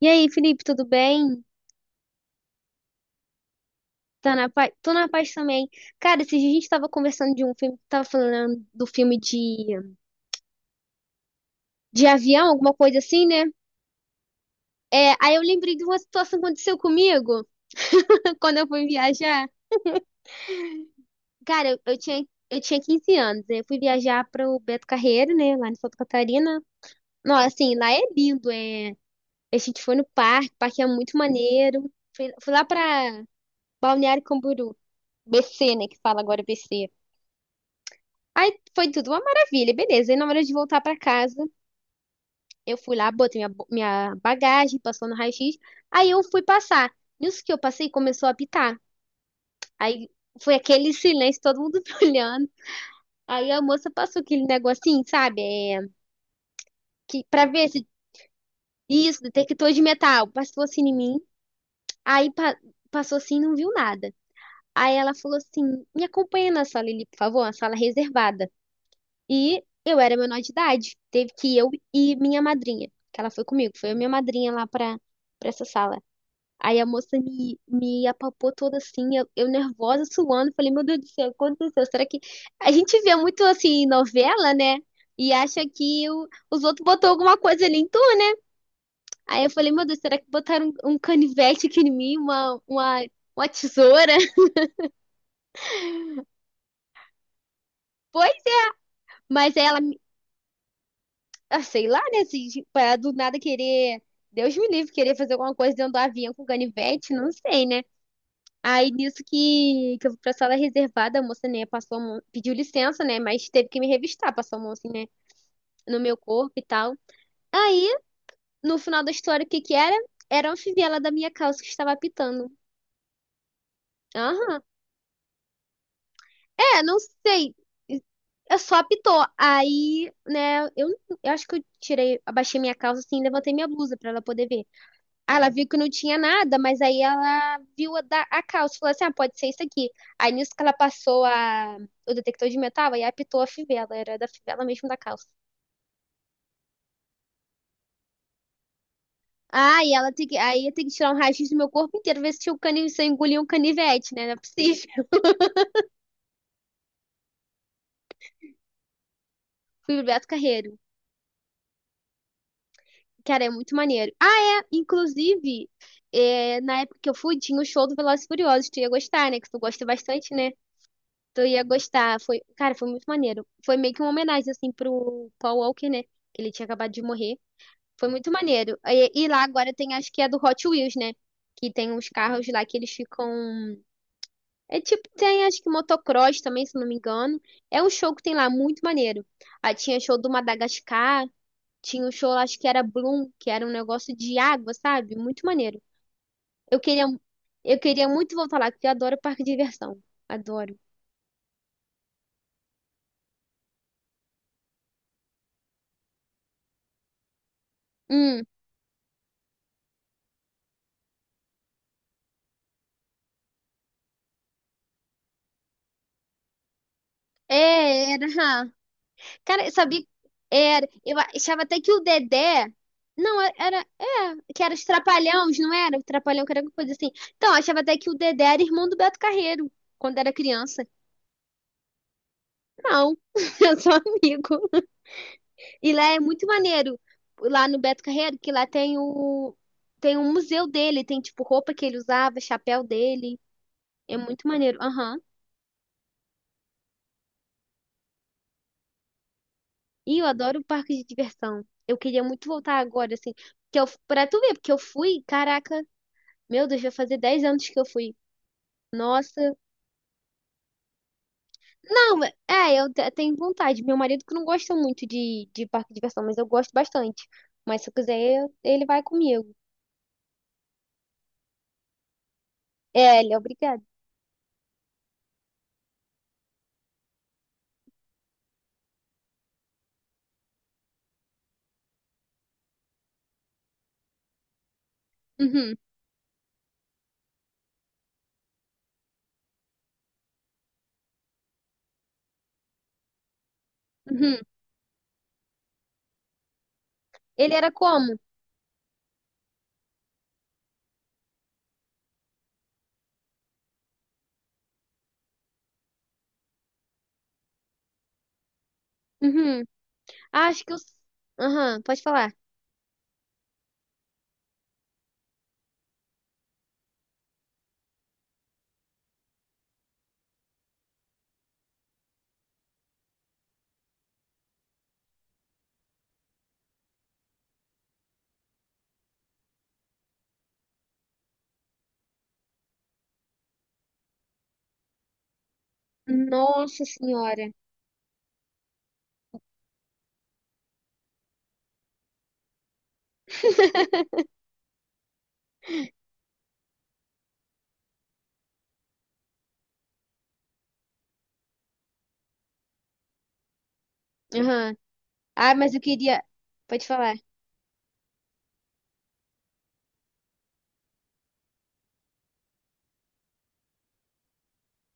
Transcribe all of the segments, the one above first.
E aí, Felipe, tudo bem? Tá na paz? Tô na paz também. Cara, esses dias a gente tava conversando de um filme, tava falando do filme de avião, alguma coisa assim, né? É, aí eu lembrei de uma situação que aconteceu comigo quando eu fui viajar. Cara, eu tinha 15 anos, né? Eu fui viajar pro Beto Carreiro, né? Lá em Santa Catarina. Não, assim, lá é lindo, é. A gente foi no parque, o parque é muito maneiro. Fui lá pra Balneário Camboriú, BC, né? Que fala agora BC. Aí foi tudo uma maravilha, beleza. E na hora de voltar pra casa, eu fui lá, botei minha bagagem, passou no raio-x. Aí eu fui passar. Nisso que eu passei, começou a apitar. Aí foi aquele silêncio, todo mundo me olhando. Aí a moça passou aquele negocinho, sabe? É, que, pra ver se isso, detector de metal. Passou assim em mim. Aí passou assim e não viu nada. Aí ela falou assim: me acompanha na sala ali, por favor, uma sala reservada. E eu era menor de idade. Teve que ir eu e minha madrinha, que ela foi comigo, foi a minha madrinha lá pra essa sala. Aí a moça me apalpou toda assim, eu nervosa, suando. Falei, meu Deus do céu, o que aconteceu? Será que. A gente vê muito assim, novela, né? E acha que os outros botou alguma coisa ali em tudo. Aí eu falei, meu Deus, será que botaram um canivete aqui em mim, uma tesoura? Foi? Mas aí ela Ah, sei lá, né? Se, para do nada querer. Deus me livre, querer fazer alguma coisa dentro do avião com canivete, não sei, né? Aí nisso que eu fui pra sala reservada, a moça, né, passou, pediu licença, né? Mas teve que me revistar, passou a mão assim, né, no meu corpo e tal. Aí, no final da história, o que que era? Era uma fivela da minha calça que estava apitando. Aham. É, não sei. Eu só apitou. Aí, né, eu acho que eu tirei, abaixei minha calça assim, e levantei minha blusa pra ela poder ver. Aí ela viu que não tinha nada, mas aí ela viu a calça e falou assim: ah, pode ser isso aqui. Aí nisso que ela passou o detector de metal, aí apitou a fivela, era da fivela mesmo da calça. Ah, e ela tem que, aí eu tenho que tirar um raio do meu corpo inteiro, ver se, tinha se eu engoli um canivete, né? Não é possível. Fui pro Beto Carreiro. Cara, é muito maneiro. Ah, é, inclusive, é, na época que eu fui, tinha o show do Velozes e Furiosos. Tu ia gostar, né? Que tu gosta bastante, né? Tu ia gostar. Foi, cara, foi muito maneiro. Foi meio que uma homenagem, assim, pro Paul Walker, né? Que ele tinha acabado de morrer. Foi muito maneiro. E lá agora tem, acho que é do Hot Wheels, né? Que tem uns carros lá que eles ficam. É tipo, tem acho que motocross também, se não me engano. É um show que tem lá, muito maneiro. Aí tinha show do Madagascar, tinha um show, acho que era Bloom, que era um negócio de água, sabe? Muito maneiro. Eu queria, eu queria muito voltar lá, porque eu adoro parque de diversão. Adoro. Hum, é, era. Cara, eu sabia. Era, eu achava até que o Dedé. Não, é, era. É, que era os Trapalhões, não era? O Trapalhão, que era alguma coisa assim. Então, eu achava até que o Dedé era irmão do Beto Carreiro, quando era criança. Não, eu sou amigo. E lá é muito maneiro, lá no Beto Carreiro, que lá tem o. Tem um museu dele, tem tipo roupa que ele usava, chapéu dele. É muito maneiro. Aham. E eu adoro parque de diversão. Eu queria muito voltar agora, assim. Que eu, pra tu ver, porque eu fui, caraca. Meu Deus, vai fazer 10 anos que eu fui. Nossa. Não, é, eu tenho vontade. Meu marido que não gosta muito de parque de diversão, mas eu gosto bastante. Mas se eu quiser, ele vai comigo. É, ele é obrigado. Uhum, uhum. Ele era como? Uhum. Ah, Acho que eu. Aham, pode falar. Nossa Senhora. Aham. Ah, mas eu queria. Pode falar.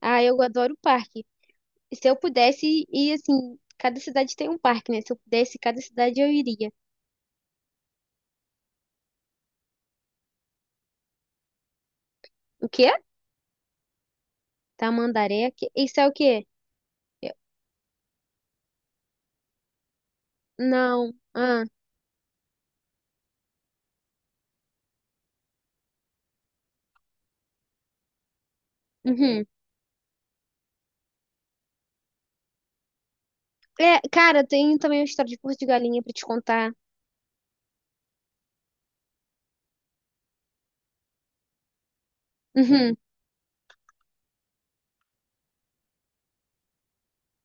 Ah, eu adoro o parque. Se eu pudesse ir, assim, cada cidade tem um parque, né? Se eu pudesse, cada cidade eu iria. O que Tamandaré. Isso é o quê? Eu- Não. Ah, uhum. É, cara, tem também uma história de curso de galinha pra te contar. Uhum,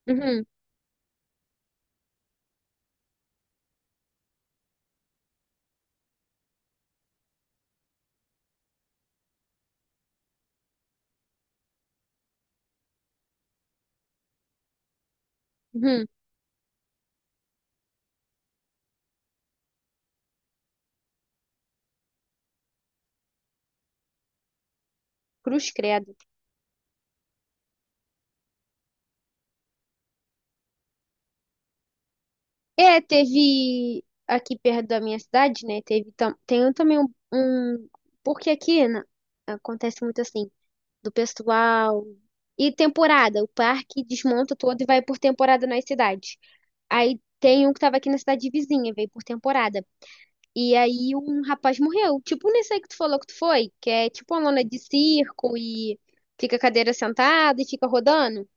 uhum, uhum. Cruz credo. É, teve aqui perto da minha cidade, né? Tem também um- Porque acontece muito assim, do pessoal. E temporada, o parque desmonta todo e vai por temporada nas cidades. Aí tem um que tava aqui na cidade vizinha, veio por temporada. E aí um rapaz morreu. Tipo nesse aí que tu falou que tu foi, que é tipo uma lona de circo e fica a cadeira sentada e fica rodando.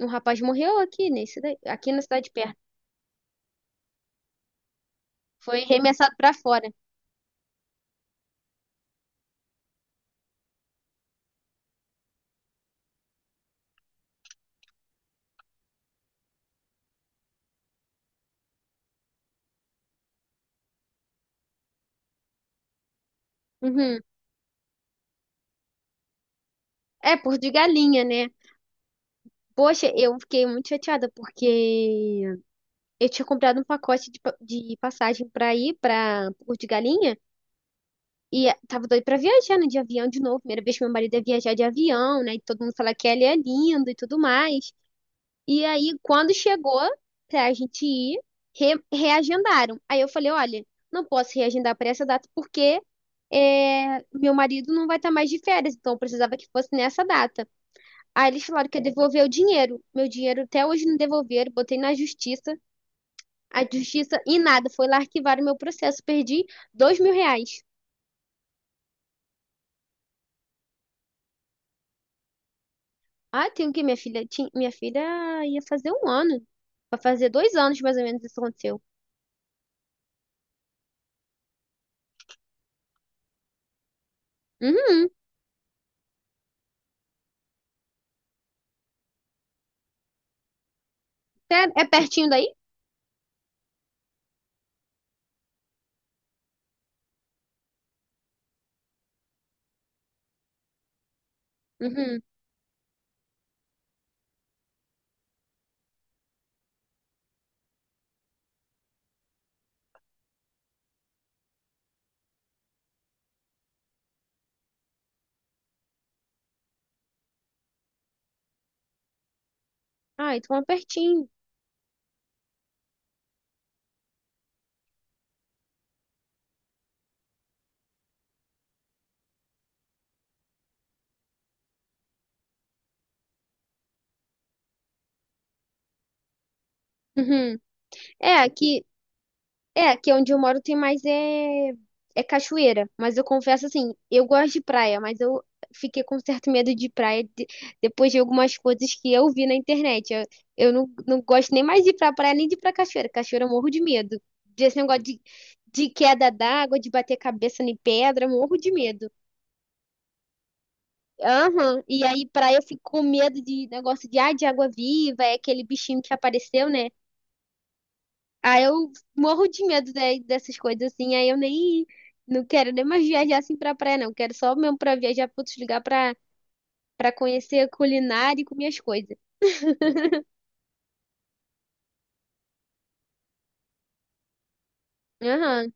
Um rapaz morreu aqui aqui na cidade perto. Foi arremessado pra fora. Uhum. É, por de galinha, né? Poxa, eu fiquei muito chateada porque eu tinha comprado um pacote de passagem pra ir pra Porto de Galinha e tava doido pra viajar, né, de avião de novo. Primeira vez que meu marido ia viajar de avião, né? E todo mundo fala que ele é lindo e tudo mais. E aí, quando chegou pra gente ir, reagendaram. Aí eu falei, olha, não posso reagendar para essa data porque é, meu marido não vai estar mais de férias, então eu precisava que fosse nessa data. Aí eles falaram que ia devolver o dinheiro. Meu dinheiro até hoje não devolveram, botei na justiça. A justiça e nada, foi lá arquivar o meu processo, perdi R$ 2.000. Ah, tem o que minha filha? Tinha, minha filha ia fazer um ano, vai fazer 2 anos mais ou menos isso aconteceu. Uhum. É, é pertinho daí? Uhum. Ah, então é pertinho. Uhum. É, aqui, é, aqui, onde eu moro tem mais é, é cachoeira. Mas eu confesso assim, eu gosto de praia, mas eu fiquei com certo medo de praia depois de algumas coisas que eu vi na internet. Eu não, não gosto nem mais de ir pra praia, nem de ir pra cachoeira. Cachoeira eu morro de medo. Desse negócio de queda d'água, de bater cabeça em pedra, eu morro de medo. Aham. E aí praia eu fico com medo de negócio de água viva, é aquele bichinho que apareceu, né? Aí eu morro de medo dessas coisas assim, aí eu nem não quero nem mais viajar assim pra praia, não. Quero só mesmo pra viajar pra outros lugares pra, pra conhecer a culinária e comer as coisas. Aham.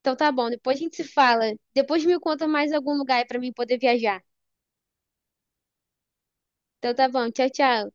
Então tá bom, depois a gente se fala. Depois me conta mais algum lugar aí pra mim poder viajar. Então tá bom, tchau, tchau.